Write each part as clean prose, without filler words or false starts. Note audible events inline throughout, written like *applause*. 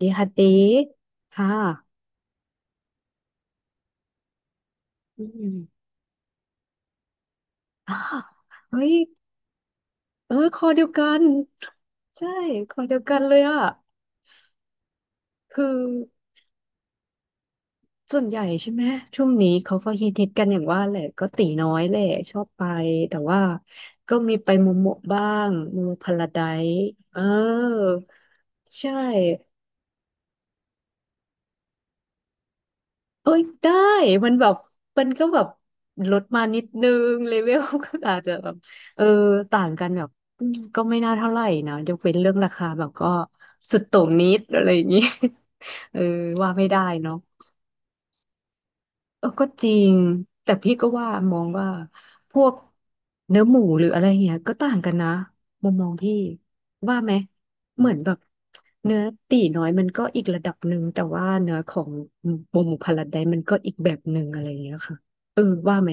ดีค่ะตีค่ะอืมอ้าเฮ้ย เออ คอเดียวกัน ใช่ คอเดียวกันเลยอ่ะคือ ส่วนใหญ่ใช่ไหม ช่วงนี้เขาก็ฮิตกันอย่างว่าแหละก็ตีน้อยแหละชอบไป แต่ว่า ก็มีไปโมโมะบ้างโมโมพาราไดซ์เออ ใช่ เอ้ยได้มันแบบมันก็แบบลดมานิดนึงเลเวล *laughs* ก็อาจจะแบบเออต่างกันแบบอืมก็ไม่น่าเท่าไหร่นะยกเว้นเรื่องราคาแบบก็สุดโต่งนิดอะไรอย่างนี้ *laughs* เออว่าไม่ได้เนาะ เออก็จริงแต่พี่ก็ว่ามองว่าพวกเนื้อหมูหรืออะไรเงี้ยก็ต่างกันนะมุมมองพี่ว่าไหมเหมือนแบบเนื้อตีน้อยมันก็อีกระดับหนึ่งแต่ว่าเนื้อของหมูหมูพาราไดซ์มันก็อีกแบบหนึ่งอะไรเงี้ยค่ะเออว่าไหม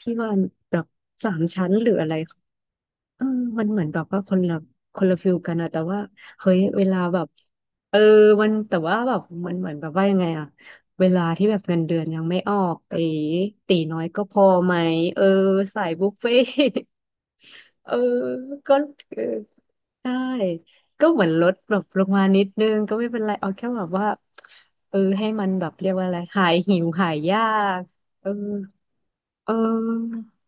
พี่ว่าแบบสามชั้นหรืออะไร เออมันเหมือนแบบว่าคนละฟิลกันอะแต่ว่าเฮ้ยเวลาแบบเออมันแต่ว่าแบบมันเหมือนแบบว่ายังไงอะเวลาที่แบบเงินเดือนยังไม่ออกไอตีน้อยก็พอไหมเออสายบุฟเฟ่ *laughs* ตเออก็เออใช่ก็เหมือนลดแบบลงมานิดนึงก็ไม่เป็นไรเอาแค่แบบว่าเออให้มันแบบเรียกว่าอะไรหายหิวหายยากเออเออ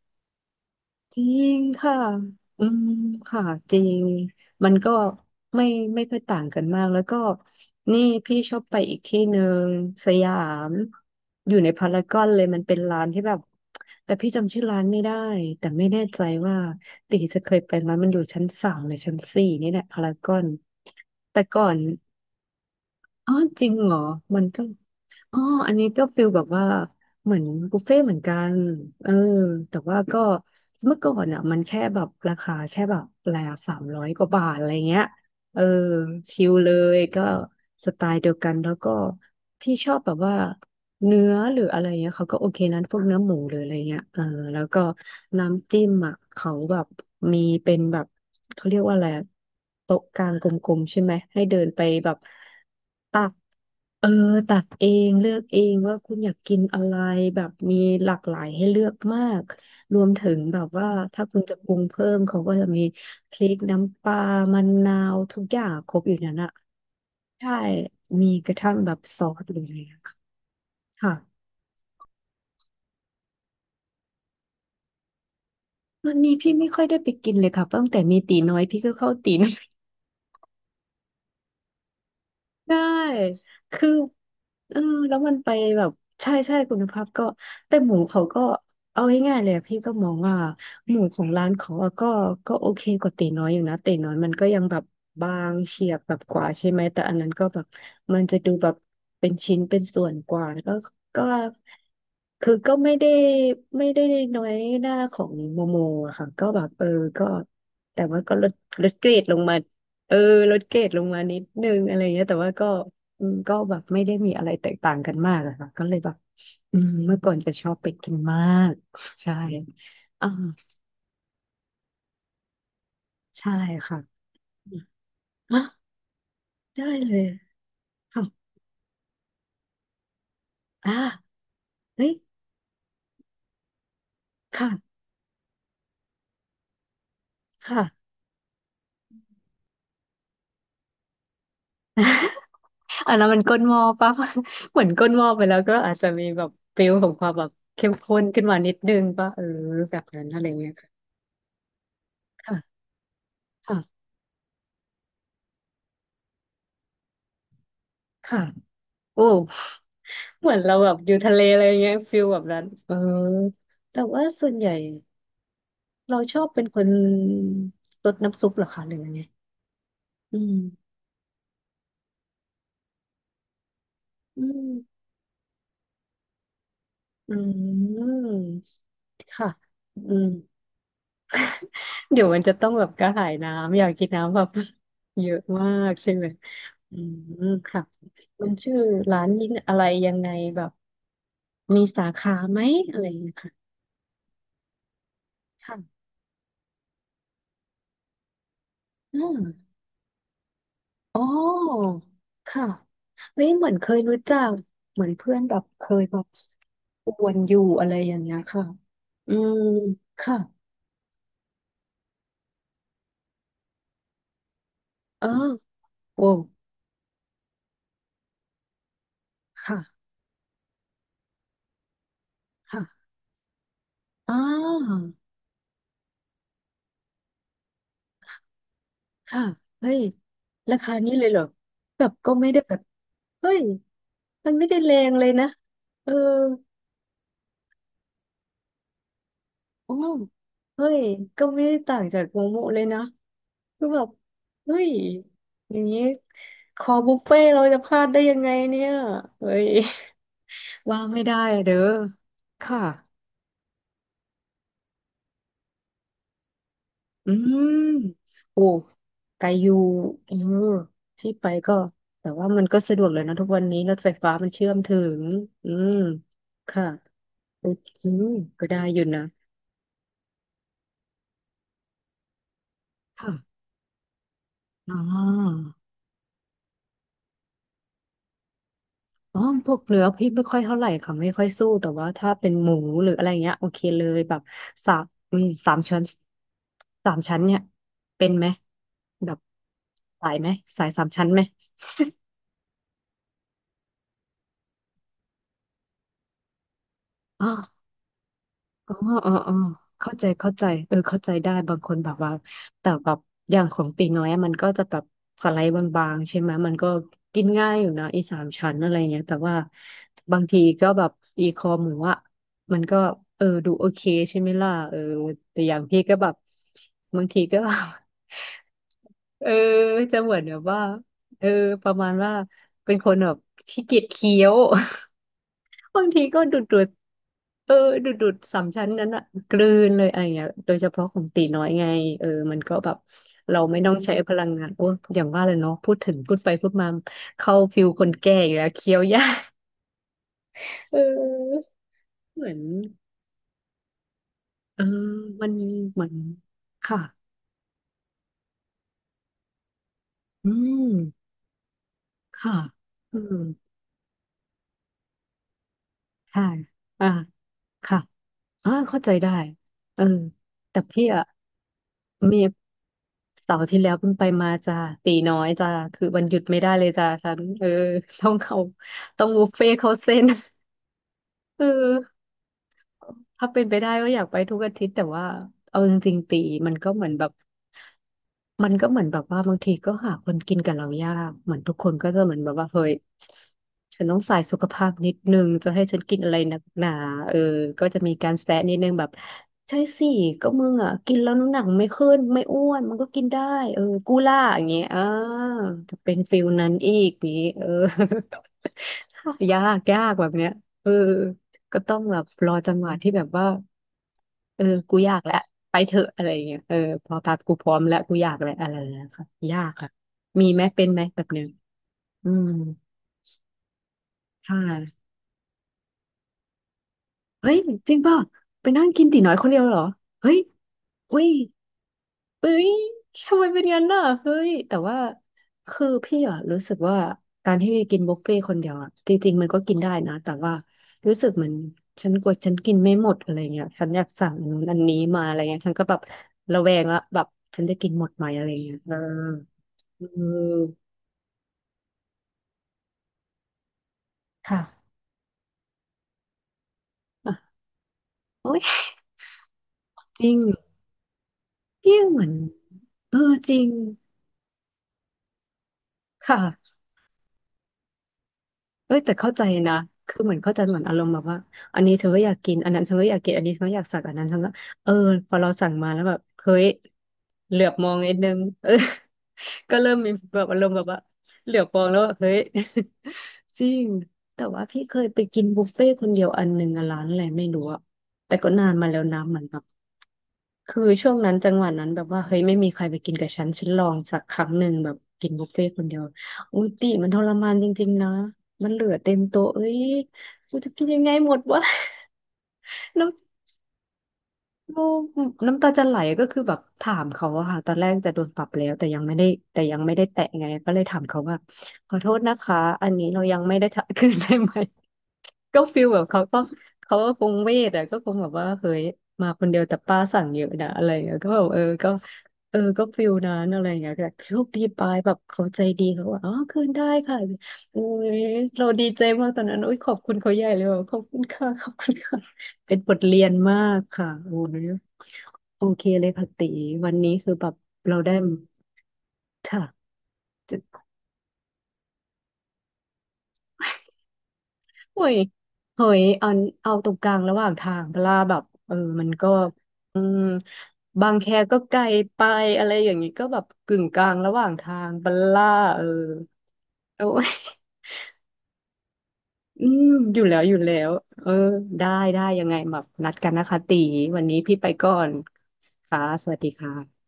จริงค่ะอืมค่ะ จริง มันก็ไม่ไม่ค่อยต่างกันมาก แล้วก็นี่พี่ชอบไปอีกที่หนึ่งสยามอยู่ในพารากอนเลย มันเป็นร้านที่แบบแต่พี่จำชื่อร้านไม่ได้ แต่ไม่แน่ใจว่าติจะเคยไปไหมมันอยู่ชั้นสามหรือชั้นสี่นี่แหละพารากอนแต่ก่อน อ๋อจริงเหรอมันก็อ๋ออันนี้ก็ฟิลแบบว่าเหมือนบุฟเฟ่ต์เหมือนกันเออแต่ว่าก็เมื่อก่อนอ่ะมันแค่แบบราคาแค่แบบอะไรอะสามร้อยกว่าบาทอะไรเงี้ยเออชิลเลยก็สไตล์เดียวกันแล้วก็พี่ชอบแบบว่าเนื้อหรืออะไรเงี้ยเขาก็โอเคนั้นพวกเนื้อหมูหรืออะไรเงี้ยเออแล้วก็น้ำจิ้มอ่ะเขาแบบมีเป็นแบบ เขาเรียกว่าอะไรอะโต๊ะกลางกลมๆใช่ไหมให้เดินไปแบบตักเออตักเองเลือกเองว่าคุณอยากกินอะไรแบบมีหลากหลายให้เลือกมากรวมถึงแบบว่าถ้าคุณจะปรุงเพิ่มเขาก็จะมีพริกน้ำปลามะนาวทุกอย่างครบอยู่นั่นอะใช่มีกระทั่งแบบซอสหรืออะไรอย่างเงี้ยค่ะค่ะวันนี้พี่ไม่ค่อยได้ไปกินเลยค่ะตั้งแต่มีตีน้อยพี่ก็เข้าตีน ใช่คือเออแล้วมันไปแบบใช่คุณภาพก็แต่หมูเขาก็เอาง่ายๆเลยอะพี่ก็มองว่าหมูของร้านเขาอะก็โอเคกว่าตีน้อยอยู่นะตีน้อยมันก็ยังแบบบางเฉียบแบบกว่าใช่ไหมแต่อันนั้นก็แบบมันจะดูแบบเป็นชิ้นเป็นส่วนกว่าแล้วก็ก็คือก็ไม่ได้น้อยหน้าของโมโมอะค่ะก็แบบเออก็แต่ว่าก็ลดลดเกรดลงมา เออลดเกรดลงมานิดนึงอะไรเงี้ยแต่ว่าก็อืมก็แบบไม่ได้มีอะไรแตกต่างกันมากอะค่ะก็เลยแบบอืมเมื่อก่อนจะชอบไปกินมากใช่อ่าใช่ค่ะอ่ะได้เลยค่ะอ่าเฮ้ยค่ะค่ะ *laughs* อันนั้นมันก้นหม้อปะ *laughs* เหมือนก้นหม้อไปแล้วก็อาจจะมีแบบฟิลของความแบบเข้มข้นขึ้นมานิดนึงปะเออแบบนั้นอะไรเงี้ยค่ะค่ะค่ะค่ะโอ้ เหมือนเราแบบอยู่ทะเลอะไรเงี้ยฟิลแบบนั้นเออแต่ว่าส่วนใหญ่เราชอบเป็นคนซดน้ำซุปเหรอคะหรือยังไงอืมอืมอืมค่ะอืมเดี๋ยวมันจะต้องแบบกระหายน้ำอยากกินน้ำแบบ *laughs* เยอะมากใช่ไหมอืมค่ะมันชื่อร้านนี้อะไรยังไงแบบมีสาขาไหมอะไรอย่างเงี้ยค่ะค่ะอืม อ๋อค่ะเฮ้ยเหมือนเคยรู้จักเหมือนเพื่อนแบบเคยแบบอวนอยู่อะไรอย่างเงี้ยค่ะอืมค่ะอ๋อโว้ค่ะค่ะอ๋อค่ะเฮ้ยราคานี้เลยเหรอแบบก็ไม่ได้แบบเฮ้ยมันไม่ได้แรงเลยนะเออโอ้เฮ้ยก็ไม่ได้ต่างจากโมโมเลยนะ คือแบบ เฮ้ย อย่างนี้คอบุฟเฟ่ต์เราจะพลาดได้ยังไงเนี่ยเฮ้ย *laughs* ว่าไม่ได้เด้อค่ะ อืม โอ้ ไกลอยูเออที่ไปก็ แต่ว่ามันก็สะดวกเลยนะทุกวันนี้รถไฟฟ้ามันเชื่อมถึง อืม ค่ะโอเคก็ได้อยู่นะ ค่ะอ๋อ อ๋อพวกเนื้อพี่ไม่ค่อยเท่าไหร่ค่ะไม่ค่อยสู้แต่ว่าถ้าเป็นหมูหรืออะไรเงี้ยโอเคเลยแบบสามอืมสามชั้นสามชั้นเนี่ยเป็นไหมแบบสายไหมสายสามชั้นไหมอ๋อ อ๋ออ๋ออ๋อเข้าใจเข้าใจเออเข้าใจได้บางคนแบบว่าแต่แบบอย่างของตีน้อยอะมันก็จะแบบสไลด์บางๆใช่ไหมมันก็กินง่ายอยู่นะอีสามชั้นอะไรเงี้ยแต่ว่าบางทีก็แบบอีคอหมูอ่ะมันก็เออดูโอเคใช่ไหมล่ะเออแต่อย่างพี่ก็แบบบางทีก็ *laughs* เออจะเหมือนแบบว่าเออประมาณว่าเป็นคนแบบขี้เกียจเคี้ยว บางทีก็ดูดดูดเออดูดดูดสามชั้นนั้นอะกลืนเลยอะไรอย่างเงี้ยโดยเฉพาะของตีน้อยไงเออมันก็แบบเราไม่ต้องใช้พลังงานโอ้ยอย่างว่าเลยเนาะพูดถึงพูดไปพูดมาเข้าฟิลคนแก่อยู่แล้วเคี้ยวยากเออเหมือนเออมันเหมือนค่ะอืมค่ะอืมใช่อ่าค่ะอ่าเข้าใจได้เออแต่พี่อะ มีเสาร์ที่แล้วเพิ่งไปมาจ้าตีน้อยจ้าคือวันหยุดไม่ได้เลยจ้าฉันเออ *laughs* ต้องเขาต้องบุฟเฟ่ต์เขาเส้น *laughs* เออถ้าเป็นไปได้ก็อยากไปทุกอาทิตย์แต่ว่าเอาจริงๆตีมันก็เหมือนแบบ มันก็เหมือนแบบว่าบางทีก็หาคนกินกับเรายากเหมือนทุกคนก็จะเหมือนแบบว่าเฮ้ยฉันต้องใส่สุขภาพนิดนึงจะให้ฉันกินอะไรหนักหนาเออก็จะมีการแซะนิดนึงแบบใช่สิก็มึงอ่ะกินแล้วน้ำหนักไม่ขึ้นไม่อ้วนมันก็กินได้เออกูล่าอย่างเงี้ยอ่าจะเป็นฟิลนั้นอีกนี้เออ *laughs* ยากยากแบบเนี้ยเออก็ต้องแบบรอจังหวะที่แบบว่าเออกูอยากแล้ว ไปเถอะอะไรอย่างเงี้ยเออพอแป๊บกูพร้อมแล้วกูอยากแล้วอะไรอย่างเงี้ยค่ะยากค่ะมีไหมเป็นไหมแบบนึงอืมค่ะเฮ้ยจริงป่ะไปนั่งกินตี๋น้อยคนเดียวเหรอเฮ้ยอุ้ยเอ้ยทำไมเป็นยงั้นน่ะเฮ้ยแต่ว่าคือพี่อะรู้สึกว่าการที่กินบุฟเฟ่ต์คนเดียวอะจริงๆมันก็กินได้นะแต่ว่ารู้สึกเหมือนฉันกลัวฉันกินไม่หมดอะไรเงี้ยฉันอยากสั่งอันนู้นอันนี้มาอะไรเงี้ยฉันก็แบบระแวงละแบบฉันจะกินหมดไหมอะไรเงี้ยเออ เออค่ะอ่ะโอ้ยจริงพี่เหมือนเออจริงค่ะเอ้ยแต่เข้าใจนะคือเหมือนเข้าใจเหมือนอารมณ์แบบว่าอันนี้เธอก็อยากกินอันนั้นเธอก็อยากกินอันนี้เธอก็อยากสั่งอันนั้นเธอก็เออพอเราสั่งมาแล้วแบบเฮ้ยเหลือบมองนิดนึงเออ *laughs* ก็เริ่มมีแบบอารมณ์แบบว่าเหลือบมองแล้วแบบเฮ้ย *laughs* จริงแต่ว่าพี่เคยไปกินบุฟเฟ่ต์คนเดียวอันหนึ่งอะร้านอะไรไม่รู้อะแต่ก็นานมาแล้วนะเหมือนแบบ คือช่วงนั้นจังหวะนั้นแบบว่าเฮ้ยไม่มีใครไปกินกับฉันฉันลองสักครั้งหนึ่งแบบกินบุฟเฟ่ต์คนเดียวอุ้ยติมันทรมานจริงๆนะมันเหลือเต็มโต๊ะเอ้ยกูจะกินยังไงหมดวะ *laughs* น้ โอ้น้ำตาจะไหลก็คือแบบถามเขาอะค่ะตอนแรกจะโดนปรับแล้วแต่ยังไม่ได้แต่ยังไม่ได้แตะไงก็เลยถามเขาว่าขอโทษนะคะอันนี้เรายังไม่ได้ทะ *laughs* คืนได้ไหมก็ฟิลแบบเขาก็เขาก็คงเวทอะก็คงแบบว่าเฮ้ยมาคนเดียวแต่ป้าสั่งเยอะนะอะไรอย่างเงี้ยก็แบบเออก็เออก็ฟิลนั้นอะไรอย่างเงี้ยแต่โชคดีไปแบบเขาใจดีเขาว่าอ๋อคืนได้ค่ะโอ้ยเราดีใจมากตอนนั้นโอุ้ยขอบคุณเขาใหญ่เลยแบบขอบคุณค่ะขอบคุณค่ะ เป็นบทเรียนมากค่ะโอ้ยโอเคเลยค่ะติวันนี้คือแบบเราได้ค่ะจะโอ้ยโอ้ยเอาเอาตรงกลางระหว่างทางเวลาแบบเออมันก็อืมบางแคก็ไกลไปอะไรอย่างนี้ก็แบบกึ่งกลางระหว่างทางบัลล่าเออโอ้ยอืมอยู่แล้วอยู่แล้วเออได้ได้ยังไงแบบนัดกันนะคะตีวันนี้พี่ไปก่อนค่ะสวัสดีค่ะ